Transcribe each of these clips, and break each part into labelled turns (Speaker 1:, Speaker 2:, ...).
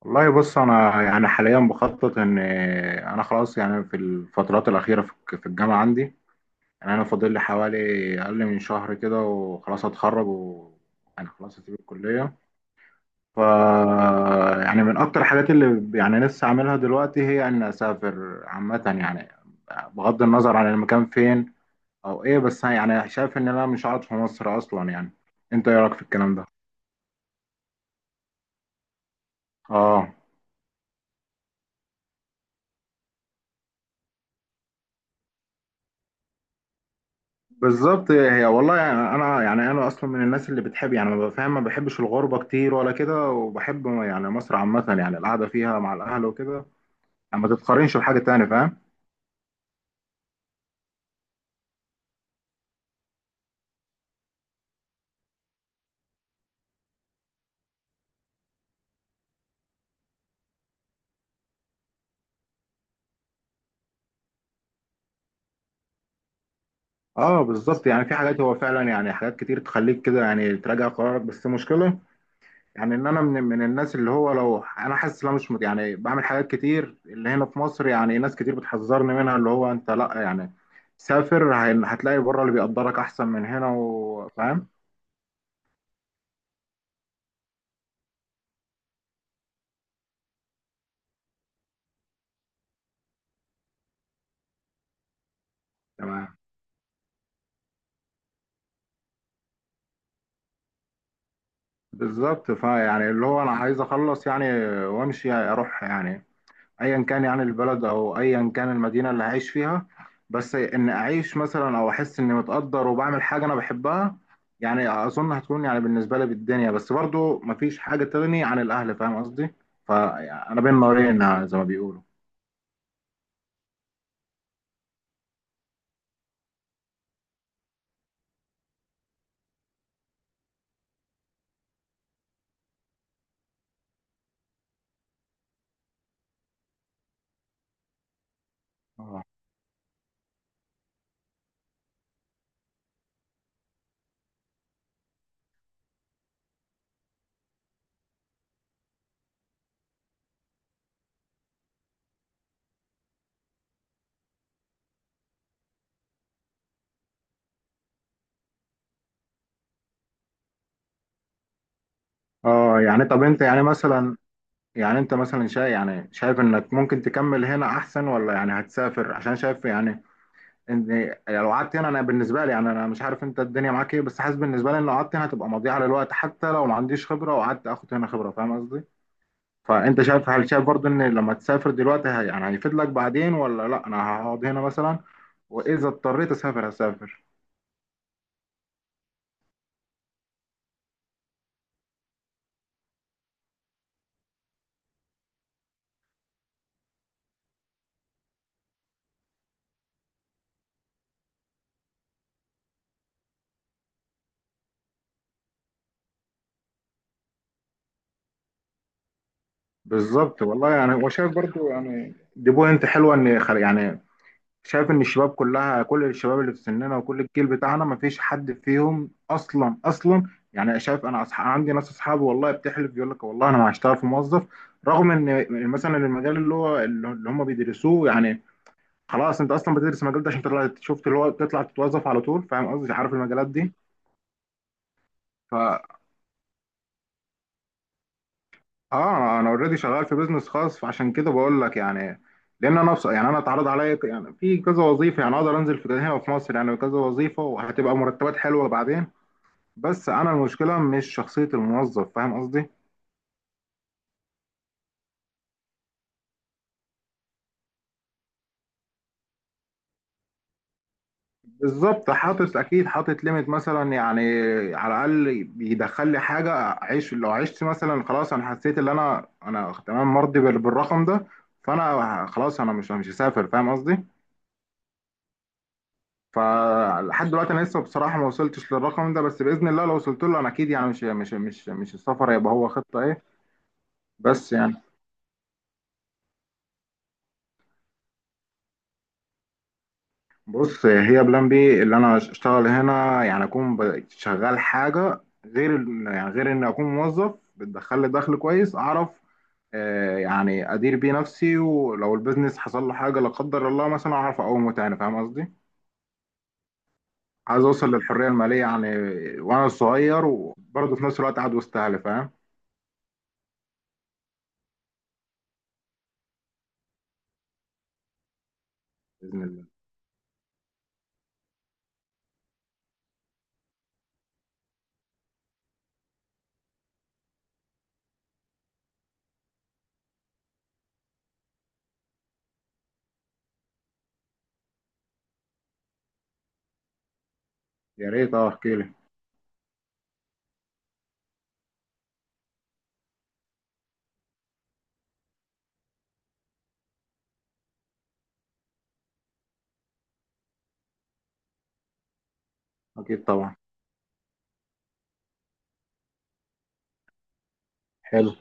Speaker 1: والله، بص، انا يعني حاليا بخطط ان انا خلاص. يعني في الفترات الاخيره في الجامعه عندي. يعني انا فاضل لي حوالي اقل من شهر كده وخلاص هتخرج، وانا خلاص هسيب الكليه. ف يعني من اكتر الحاجات اللي يعني لسه عاملها دلوقتي هي ان اسافر عامه، يعني بغض النظر عن المكان فين او ايه، بس يعني شايف ان انا مش قاعد في مصر اصلا. يعني انت ايه رايك في الكلام ده؟ اه، بالظبط هي. والله يعني انا، يعني انا اصلا من الناس اللي بتحب، يعني ما بفهم، ما بحبش الغربه كتير ولا كده، وبحب يعني مصر عامه، يعني القعده فيها مع الاهل وكده. يعني ما تتقارنش بحاجه تانية، فاهم؟ اه، بالظبط. يعني في حاجات هو فعلا، يعني حاجات كتير تخليك كده يعني تراجع قرارك، بس المشكله يعني ان انا من الناس اللي هو لو انا حاسس ان انا مش يعني بعمل حاجات كتير اللي هنا في مصر. يعني ناس كتير بتحذرني منها، اللي هو انت لا، يعني سافر، هتلاقي بره اللي بيقدرك احسن من هنا، وفاهم تمام. بالظبط، فيعني اللي هو انا عايز اخلص يعني وامشي، اروح، يعني ايا كان يعني البلد او ايا كان المدينه اللي هعيش فيها، بس ان اعيش مثلا او احس اني متقدر وبعمل حاجه انا بحبها. يعني اظن هتكون يعني بالنسبه لي بالدنيا، بس برضو مفيش حاجه تغني عن الاهل، فاهم قصدي؟ فانا بين نارين زي ما بيقولوا. اه، اه. يعني طب انت يعني مثلا، يعني انت مثلا شايف، يعني شايف انك ممكن تكمل هنا احسن، ولا يعني هتسافر عشان شايف يعني ان إيه، يعني لو قعدت هنا انا بالنسبه لي، يعني انا مش عارف انت الدنيا معاك ايه، بس حاسس بالنسبه لي ان لو قعدت هنا هتبقى مضيعه للوقت، حتى لو ما عنديش خبره وقعدت اخد هنا خبره، فاهم قصدي؟ فانت شايف، هل شايف برضو ان لما تسافر دلوقتي هي يعني هيفيد لك بعدين، ولا لا انا هقعد هنا مثلا، واذا اضطريت اسافر هسافر. بالظبط، والله يعني هو شايف برضو. يعني دي بوينت حلوه، ان يعني شايف ان الشباب كلها، كل الشباب اللي في سننا وكل الجيل بتاعنا، مفيش حد فيهم اصلا اصلا. يعني شايف انا، عندي ناس اصحابي والله بتحلف، يقول لك والله انا ما هشتغل في موظف، رغم ان مثلا المجال اللي هو اللي هم بيدرسوه. يعني خلاص انت اصلا بتدرس المجال ده عشان تطلع، شفت، اللي هو تطلع تتوظف على طول، فاهم قصدي؟ عارف المجالات دي. فا اه، انا اوريدي شغال في بيزنس خاص، فعشان كده بقول لك يعني. لان انا، بص، يعني انا اتعرض عليا يعني في كذا وظيفه، يعني اقدر انزل في هنا في مصر، يعني كذا وظيفه وهتبقى مرتبات حلوه بعدين، بس انا المشكله مش شخصيه الموظف، فاهم قصدي؟ بالظبط، حاطط اكيد، حاطط ليميت مثلا، يعني على الاقل بيدخل لي حاجه اعيش. لو عشت مثلا خلاص انا حسيت ان انا تمام، مرضي بالرقم ده، فانا خلاص انا مش هسافر، فاهم قصدي؟ فلحد دلوقتي انا لسه بصراحه ما وصلتش للرقم ده، بس باذن الله لو وصلت له انا اكيد. يعني مش السفر هيبقى هو خطه ايه، بس يعني. بص، هي بلان بي اللي انا اشتغل هنا، يعني اكون شغال حاجه غير ال- يعني غير ان اكون موظف، بتدخل لي دخل كويس، اعرف يعني ادير بيه نفسي، ولو البيزنس حصل له حاجه لا قدر الله مثلا اعرف اقومه تاني، فاهم قصدي؟ عايز اوصل للحريه الماليه، يعني وانا صغير، وبرضه في نفس الوقت قاعد وسط اهلي، فاهم؟ باذن الله. يا ريت، اه، احكي لي. اكيد طبعا. حلو.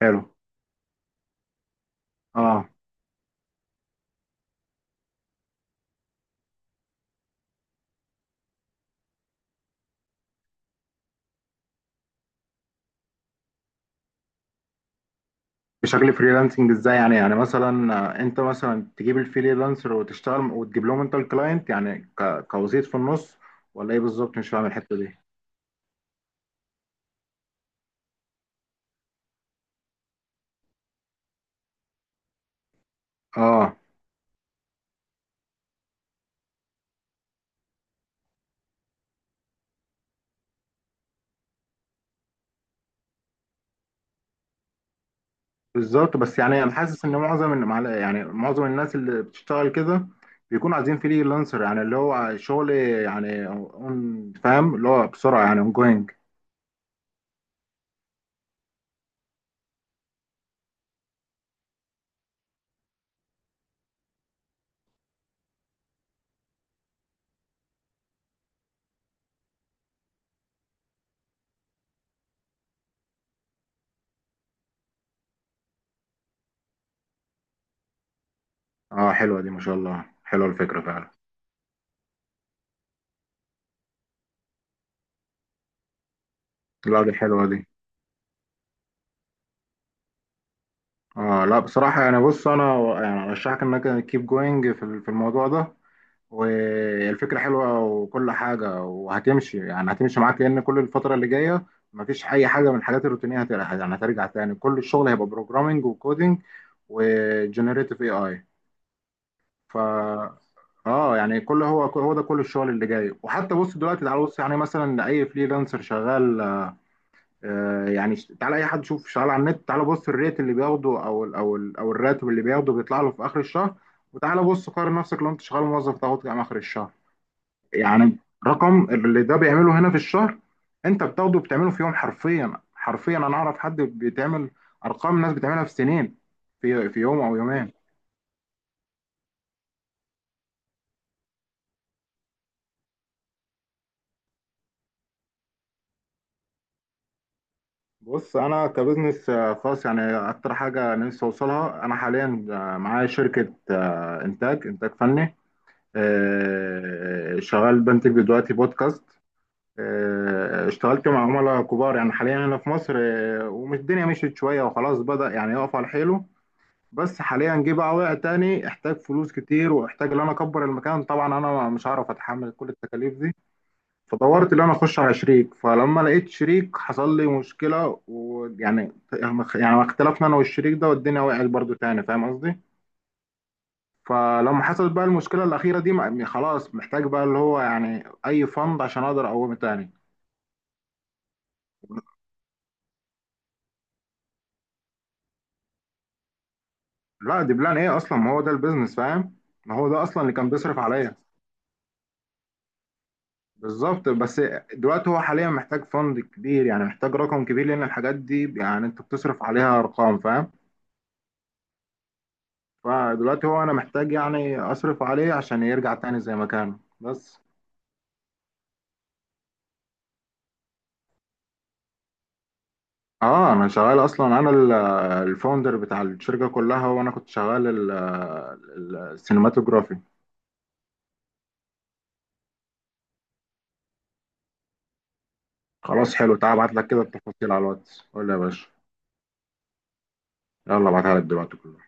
Speaker 1: حلو. اه، بشكل فريلانسنج ازاي، يعني مثلا انت مثلا تجيب الفريلانسر وتشتغل وتجيب لهم انت الكلاينت، يعني كوسيط في النص، ولا ايه بالظبط؟ مش فاهم الحته دي. اه، بالظبط، بس يعني انا حاسس ان معظم يعني معظم الناس اللي بتشتغل كده بيكون عايزين فريلانسر، يعني اللي هو شغل يعني اون، فاهم، اللي هو بسرعه، يعني اون جوينج. اه، حلوه دي، ما شاء الله، حلوه الفكره فعلا. لا، دي حلوه دي. اه، لا بصراحة، يعني بص انا يعني ارشحك انك كيب جوينج في في الموضوع ده، والفكرة حلوة وكل حاجة، وهتمشي، يعني هتمشي معاك، لان كل الفترة اللي جاية مفيش اي حاجة من الحاجات الروتينية. يعني هترجع تاني، كل الشغل هيبقى بروجرامينج وكودينج وجنريتيف اي اي. ف اه، يعني كل، هو هو ده كل الشغل اللي جاي. وحتى بص دلوقتي، تعال بص يعني مثلا اي فريلانسر شغال يعني تعالى اي حد، شوف شغال على النت، تعالى بص الريت اللي بياخده او ال او ال او الراتب اللي بياخده، بيطلع له في اخر الشهر. وتعالى بص قارن نفسك لو انت شغال موظف تاخد كام اخر الشهر. يعني رقم اللي ده بيعمله هنا في الشهر، انت بتاخده بتعمله في يوم. حرفيا، حرفيا، انا اعرف حد بيتعمل ارقام ناس بتعملها في سنين، في يوم او يومين. بص انا كبزنس خاص، يعني اكتر حاجه نفسي اوصلها انا حاليا. معايا شركه انتاج فني. شغال بنتج دلوقتي بودكاست. اشتغلت مع عملاء كبار يعني حاليا هنا في مصر. ومش الدنيا مشيت شوية وخلاص بدأ يعني يقف على حيله، بس حاليا جه بقى وقع تاني، احتاج فلوس كتير واحتاج ان انا اكبر المكان. طبعا انا مش هعرف اتحمل كل التكاليف دي، فدورت ان انا اخش على شريك. فلما لقيت شريك حصل لي مشكلة، ويعني اختلفنا انا والشريك ده، والدنيا وقعت برضو تاني، فاهم قصدي؟ فلما حصلت بقى المشكلة الأخيرة دي، خلاص محتاج بقى، اللي هو يعني أي فند عشان أقدر أقوم تاني. لا دي بلان إيه أصلا؟ ما هو ده البيزنس، فاهم؟ ما هو ده أصلا اللي كان بيصرف عليا. بالظبط، بس دلوقتي هو حاليا محتاج فند كبير، يعني محتاج رقم كبير، لأن الحاجات دي يعني أنت بتصرف عليها أرقام، فاهم؟ فدلوقتي هو أنا محتاج يعني أصرف عليه عشان يرجع تاني زي ما كان، بس. اه، انا شغال اصلا. انا الفاوندر بتاع الشركه كلها، وانا كنت شغال السينماتوجرافي. خلاص، حلو، تعال ابعت لك كده التفاصيل على الواتس، قول لي يا باشا. يلا، ابعتها لك دلوقتي كلها.